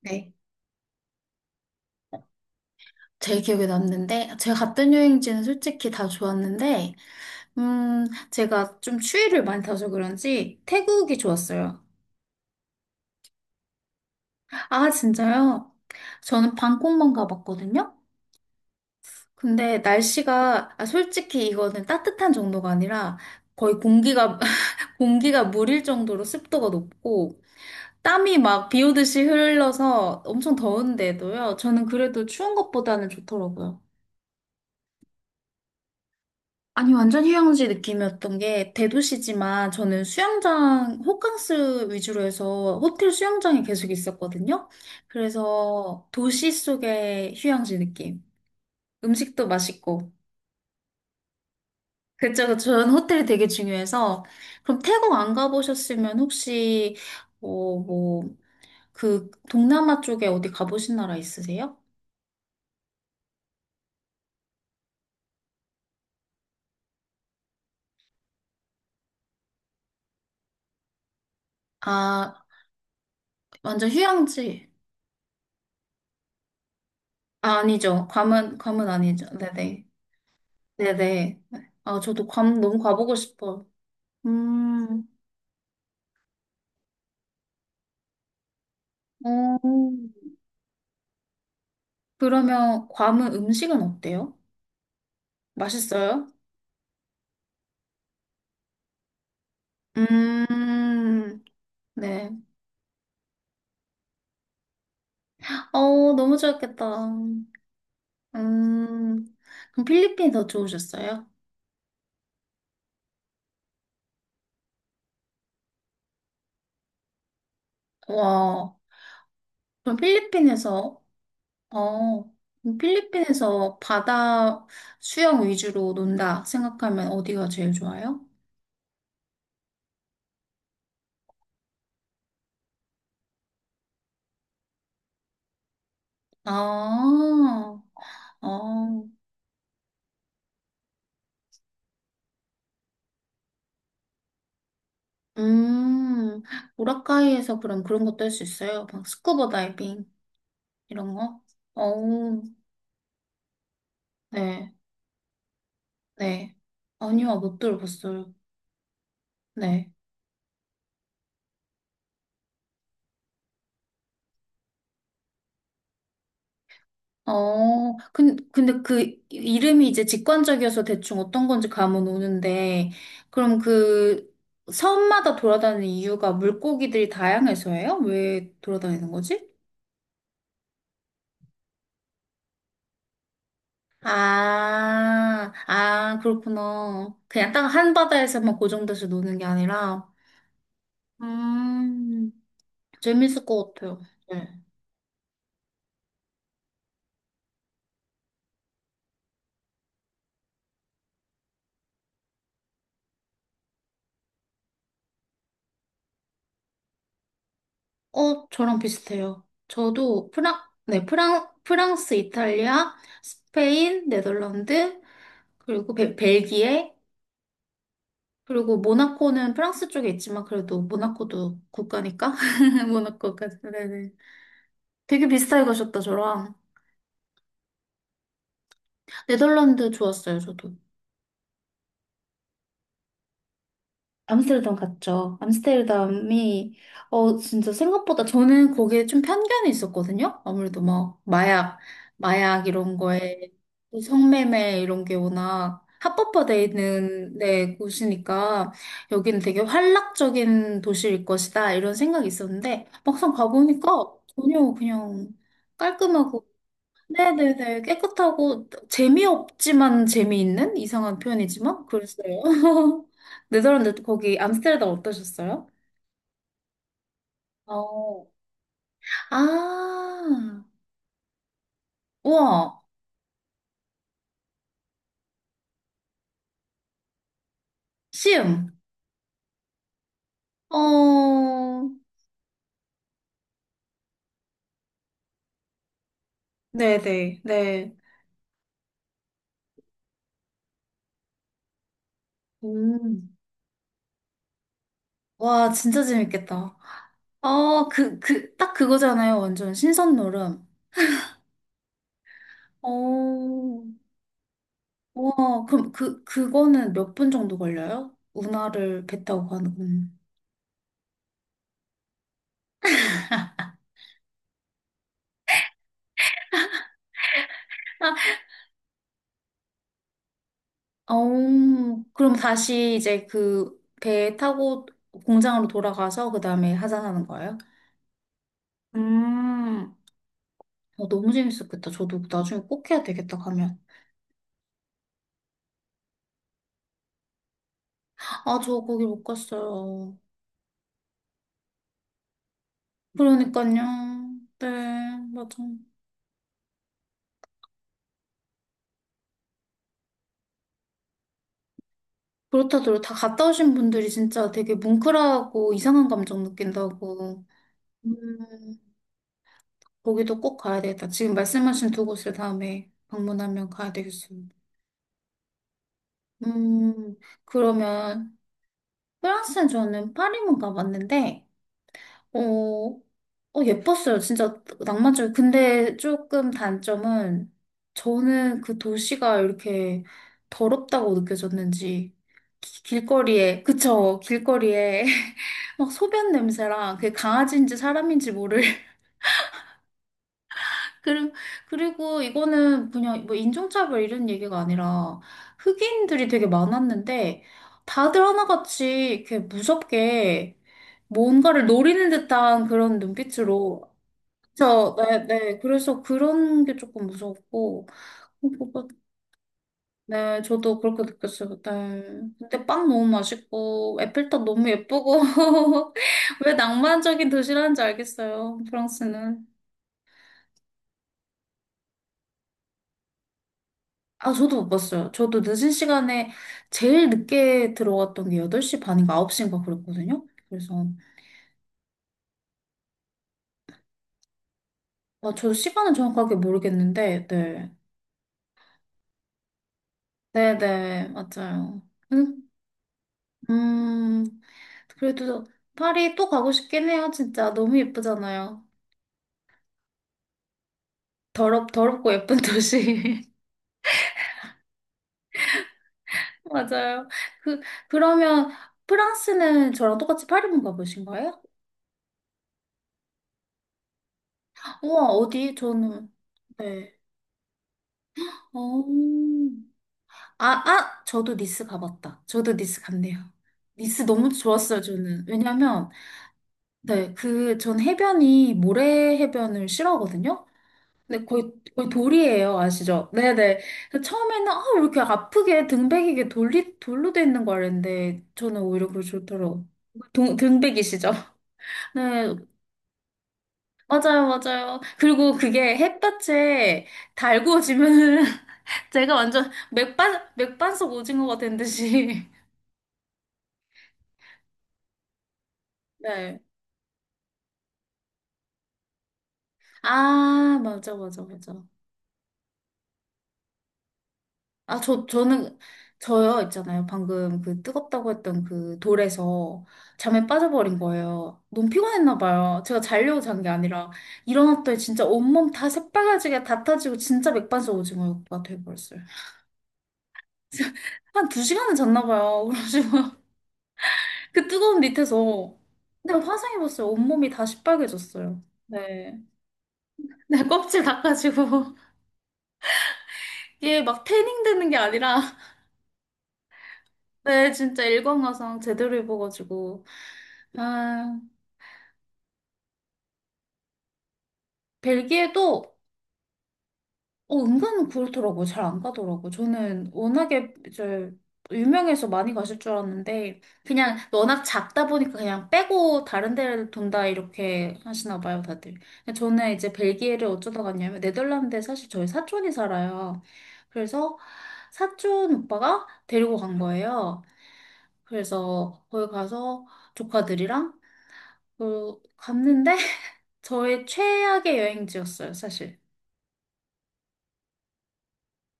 네. 제일 기억에 남는데, 제가 갔던 여행지는 솔직히 다 좋았는데, 음, 제가 좀 추위를 많이 타서 그런지 태국이 좋았어요. 아, 진짜요? 저는 방콕만 가봤거든요? 근데 날씨가, 아, 솔직히 이거는 따뜻한 정도가 아니라 거의 공기가, 공기가 물일 정도로 습도가 높고, 땀이 막 비 오듯이 흘러서 엄청 더운데도요. 저는 그래도 추운 것보다는 좋더라고요. 아니, 완전 휴양지 느낌이었던 게 대도시지만 저는 수영장, 호캉스 위주로 해서 호텔 수영장에 계속 있었거든요. 그래서 도시 속의 휴양지 느낌. 음식도 맛있고. 그쵸, 그쵸. 저는 호텔이 되게 중요해서. 그럼 태국 안 가보셨으면 혹시, 어, 뭐, 그 동남아 쪽에 어디 가보신 나라 있으세요? 아, 완전 휴양지. 아, 아니죠. 괌은 아니죠. 네네. 네네. 아, 저도 괌 너무 가보고 싶어. 음, 어, 그러면 괌은 음식은 어때요? 맛있어요? 음, 네. 어, 너무 좋았겠다. 음, 그럼 필리핀 더 좋으셨어요? 와, 그럼 필리핀에서, 어, 그럼 필리핀에서 바다 수영 위주로 논다 생각하면 어디가 제일 좋아요? 아, 어. 음, 우라카이에서 그럼 그런 것도 할 수 있어요? 막 스쿠버 다이빙, 이런 거? 어우, 네, 네. 아니요, 못 들어봤어요. 네. 근데 그 이름이 이제 직관적이어서 대충 어떤 건지 감은 오는데, 그럼 그 섬마다 돌아다니는 이유가 물고기들이 다양해서예요? 왜 돌아다니는 거지? 아, 아, 그렇구나. 그냥 딱 한바다에서만 고정돼서 노는 게 아니라, 음, 재밌을 것 같아요. 네. 저랑 비슷해요. 저도 네, 프랑스, 이탈리아, 스페인, 네덜란드, 그리고 벨기에, 그리고 모나코는 프랑스 쪽에 있지만 그래도 모나코도 국가니까. 모나코까지. 네네. 되게 비슷하게 가셨다, 저랑. 네덜란드 좋았어요, 저도. 암스테르담 갔죠. 암스테르담이, 진짜 생각보다 저는 거기에 좀 편견이 있었거든요. 아무래도 막, 마약 이런 거에, 또 성매매 이런 게 워낙 합법화되어 있는 네, 곳이니까, 여기는 되게 활락적인 도시일 것이다, 이런 생각이 있었는데, 막상 가보니까 전혀 그냥 깔끔하고, 네네네. 깨끗하고 재미없지만 재미있는 이상한 표현이지만 그랬어요. 네덜란드 거기 암스테르담 어떠셨어요? 어. 아, 우와, 시음. 어, 네네, 네. 음. 와, 진짜 재밌겠다. 아, 딱 그거잖아요. 완전 신선놀음. 어, 와, 그럼 그거는 몇 분 정도 걸려요? 운하를 배 타고 가는 건. 어, 그럼 다시 이제 그 배 타고 공장으로 돌아가서 그 다음에 하산하는 거예요? 음, 너무 재밌었겠다. 저도 나중에 꼭 해야 되겠다, 가면. 아, 저 거기 못 갔어요. 그러니까요. 네, 맞아. 그렇다더라. 다 갔다 오신 분들이 진짜 되게 뭉클하고 이상한 감정 느낀다고. 음, 거기도 꼭 가야 되겠다. 지금 말씀하신 두 곳을 다음에 방문하면 가야 되겠어요. 음, 그러면 프랑스는 저는 파리만 가봤는데, 예뻤어요. 진짜 낭만적이고. 근데 조금 단점은 저는 그 도시가 이렇게 더럽다고 느껴졌는지, 길거리에, 그쵸, 길거리에 막 소변 냄새랑 그게 강아지인지 사람인지 모를. 그리고, 그리고 이거는 그냥 뭐 인종차별 이런 얘기가 아니라 흑인들이 되게 많았는데, 다들 하나같이 이렇게 무섭게 뭔가를 노리는 듯한 그런 눈빛으로. 저, 네, 네. 그래서 그런 게 조금 무서웠고. 그거- 네, 저도 그렇게 느꼈어요. 네. 근데 빵 너무 맛있고, 에펠탑 너무 예쁘고. 왜 낭만적인 도시라는지 알겠어요, 프랑스는. 아, 저도 못 봤어요. 저도 늦은 시간에 제일 늦게 들어갔던 게 8시 반인가 9시인가 그랬거든요. 그래서, 아, 저도 시간은 정확하게 모르겠는데, 네. 네네, 맞아요. 음. 음, 그래도 파리 또 가고 싶긴 해요, 진짜. 너무 예쁘잖아요. 더럽고 예쁜 도시. 맞아요. 그, 그러면 프랑스는 저랑 똑같이 파리만 가보신 거예요? 우와, 어디? 저는, 네. 어, 아, 아, 저도 니스 가봤다. 저도 니스 갔네요. 니스 너무 좋았어요, 저는. 왜냐면, 네, 그, 전 해변이 모래 해변을 싫어하거든요? 네, 거의 돌이에요. 아시죠? 네네. 그래서 처음에는, 아, 왜 이렇게 아프게 등백이게 돌로 돼 있는 거 알았는데, 저는 오히려 그게 좋더라고요. 등백이시죠? 네, 맞아요, 맞아요. 그리고 그게 햇볕에 달구어지면은, 제가 완전 맥반석 오징어가 된 듯이. 네. 아, 맞아, 맞아, 맞아. 아, 저요, 있잖아요. 방금 그 뜨겁다고 했던 그 돌에서 잠에 빠져버린 거예요. 너무 피곤했나 봐요. 제가 자려고 잔 게 아니라 일어났더니 진짜 온몸 다 새빨개지게 다 타지고 진짜 맥반석 오징어가 돼버렸어요. 한 두 시간은 잤나 봐요. 그러시고 그 뜨거운 밑에서 근데 화상 입었어요. 온몸이 다 시뻘개졌어요. 네. 네, 껍질 닦아지고 이게 막 태닝 되는 게 아니라 네, 진짜 일광화상 제대로 입어가지고 아, 벨기에도 은근 그렇더라고. 잘 안 가더라고. 저는 워낙에 이제 유명해서 많이 가실 줄 알았는데 그냥 워낙 작다 보니까 그냥 빼고 다른 데를 돈다 이렇게 하시나 봐요, 다들. 근데 저는 이제 벨기에를 어쩌다 갔냐면 네덜란드에 사실 저희 사촌이 살아요. 그래서 사촌 오빠가 데리고 간 거예요. 그래서 거기 가서 조카들이랑 그 갔는데 저의 최악의 여행지였어요, 사실.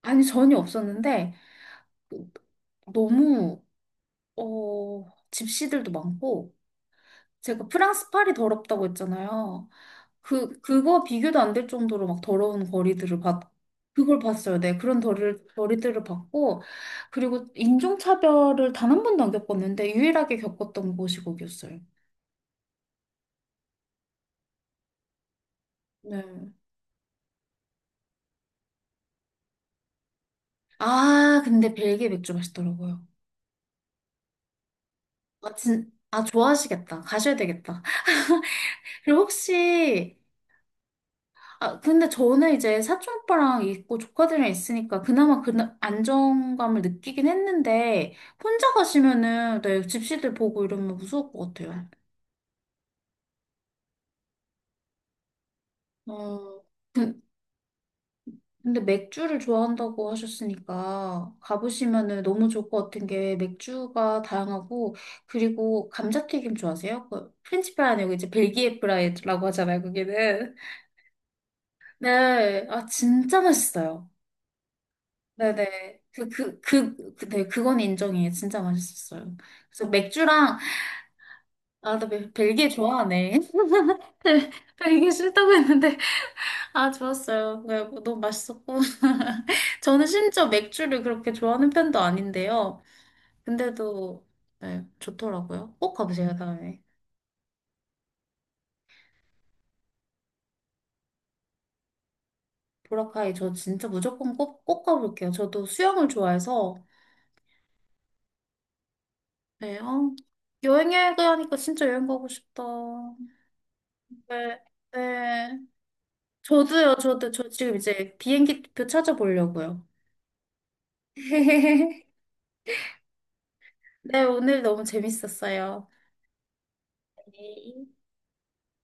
아니, 전혀 없었는데, 그- 너무, 집시들도 많고, 제가 프랑스 파리 더럽다고 했잖아요. 그거 비교도 안 될 정도로 막 더러운 거리들을 봤, 그걸 봤어요. 네, 그런 거리들을 봤고, 그리고 인종차별을 단 한 번도 안 겪었는데, 유일하게 겪었던 곳이 거기였어요. 네. 아, 근데 벨기에 맥주 맛있더라고요. 아, 아, 좋아하시겠다. 가셔야 되겠다. 그리고 혹시 아, 근데 저는 이제 사촌 오빠랑 있고 조카들이랑 있으니까 그나마 그 안정감을 느끼긴 했는데 혼자 가시면은 네, 집시들 보고 이러면 무서울 것 같아요. 어, 근- 근데 맥주를 좋아한다고 하셨으니까 가보시면은 너무 좋을 것 같은 게 맥주가 다양하고 그리고 감자튀김 좋아하세요? 그 프렌치 프라이 아니고 이제 벨기에 프라이라고 하잖아요, 거기는. 네, 아 진짜 맛있어요. 네네. 네, 그건 인정이에요. 진짜 맛있었어요. 그래서 맥주랑, 아, 나 벨기에 좋아하네. 네, 벨기에 싫다고 했는데, 아, 좋았어요. 네, 뭐 너무 맛있었고. 저는 심지어 맥주를 그렇게 좋아하는 편도 아닌데요. 근데도, 네, 좋더라고요. 꼭 가보세요, 다음에. 보라카이 저 진짜 무조건 꼭, 꼭 가볼게요. 저도 수영을 좋아해서, 네, 어, 여행기하니까 진짜 여행 가고 싶다. 네, 네. 저도요, 저도, 저 지금 이제 비행기 표 찾아보려고요. 네, 오늘 너무 재밌었어요.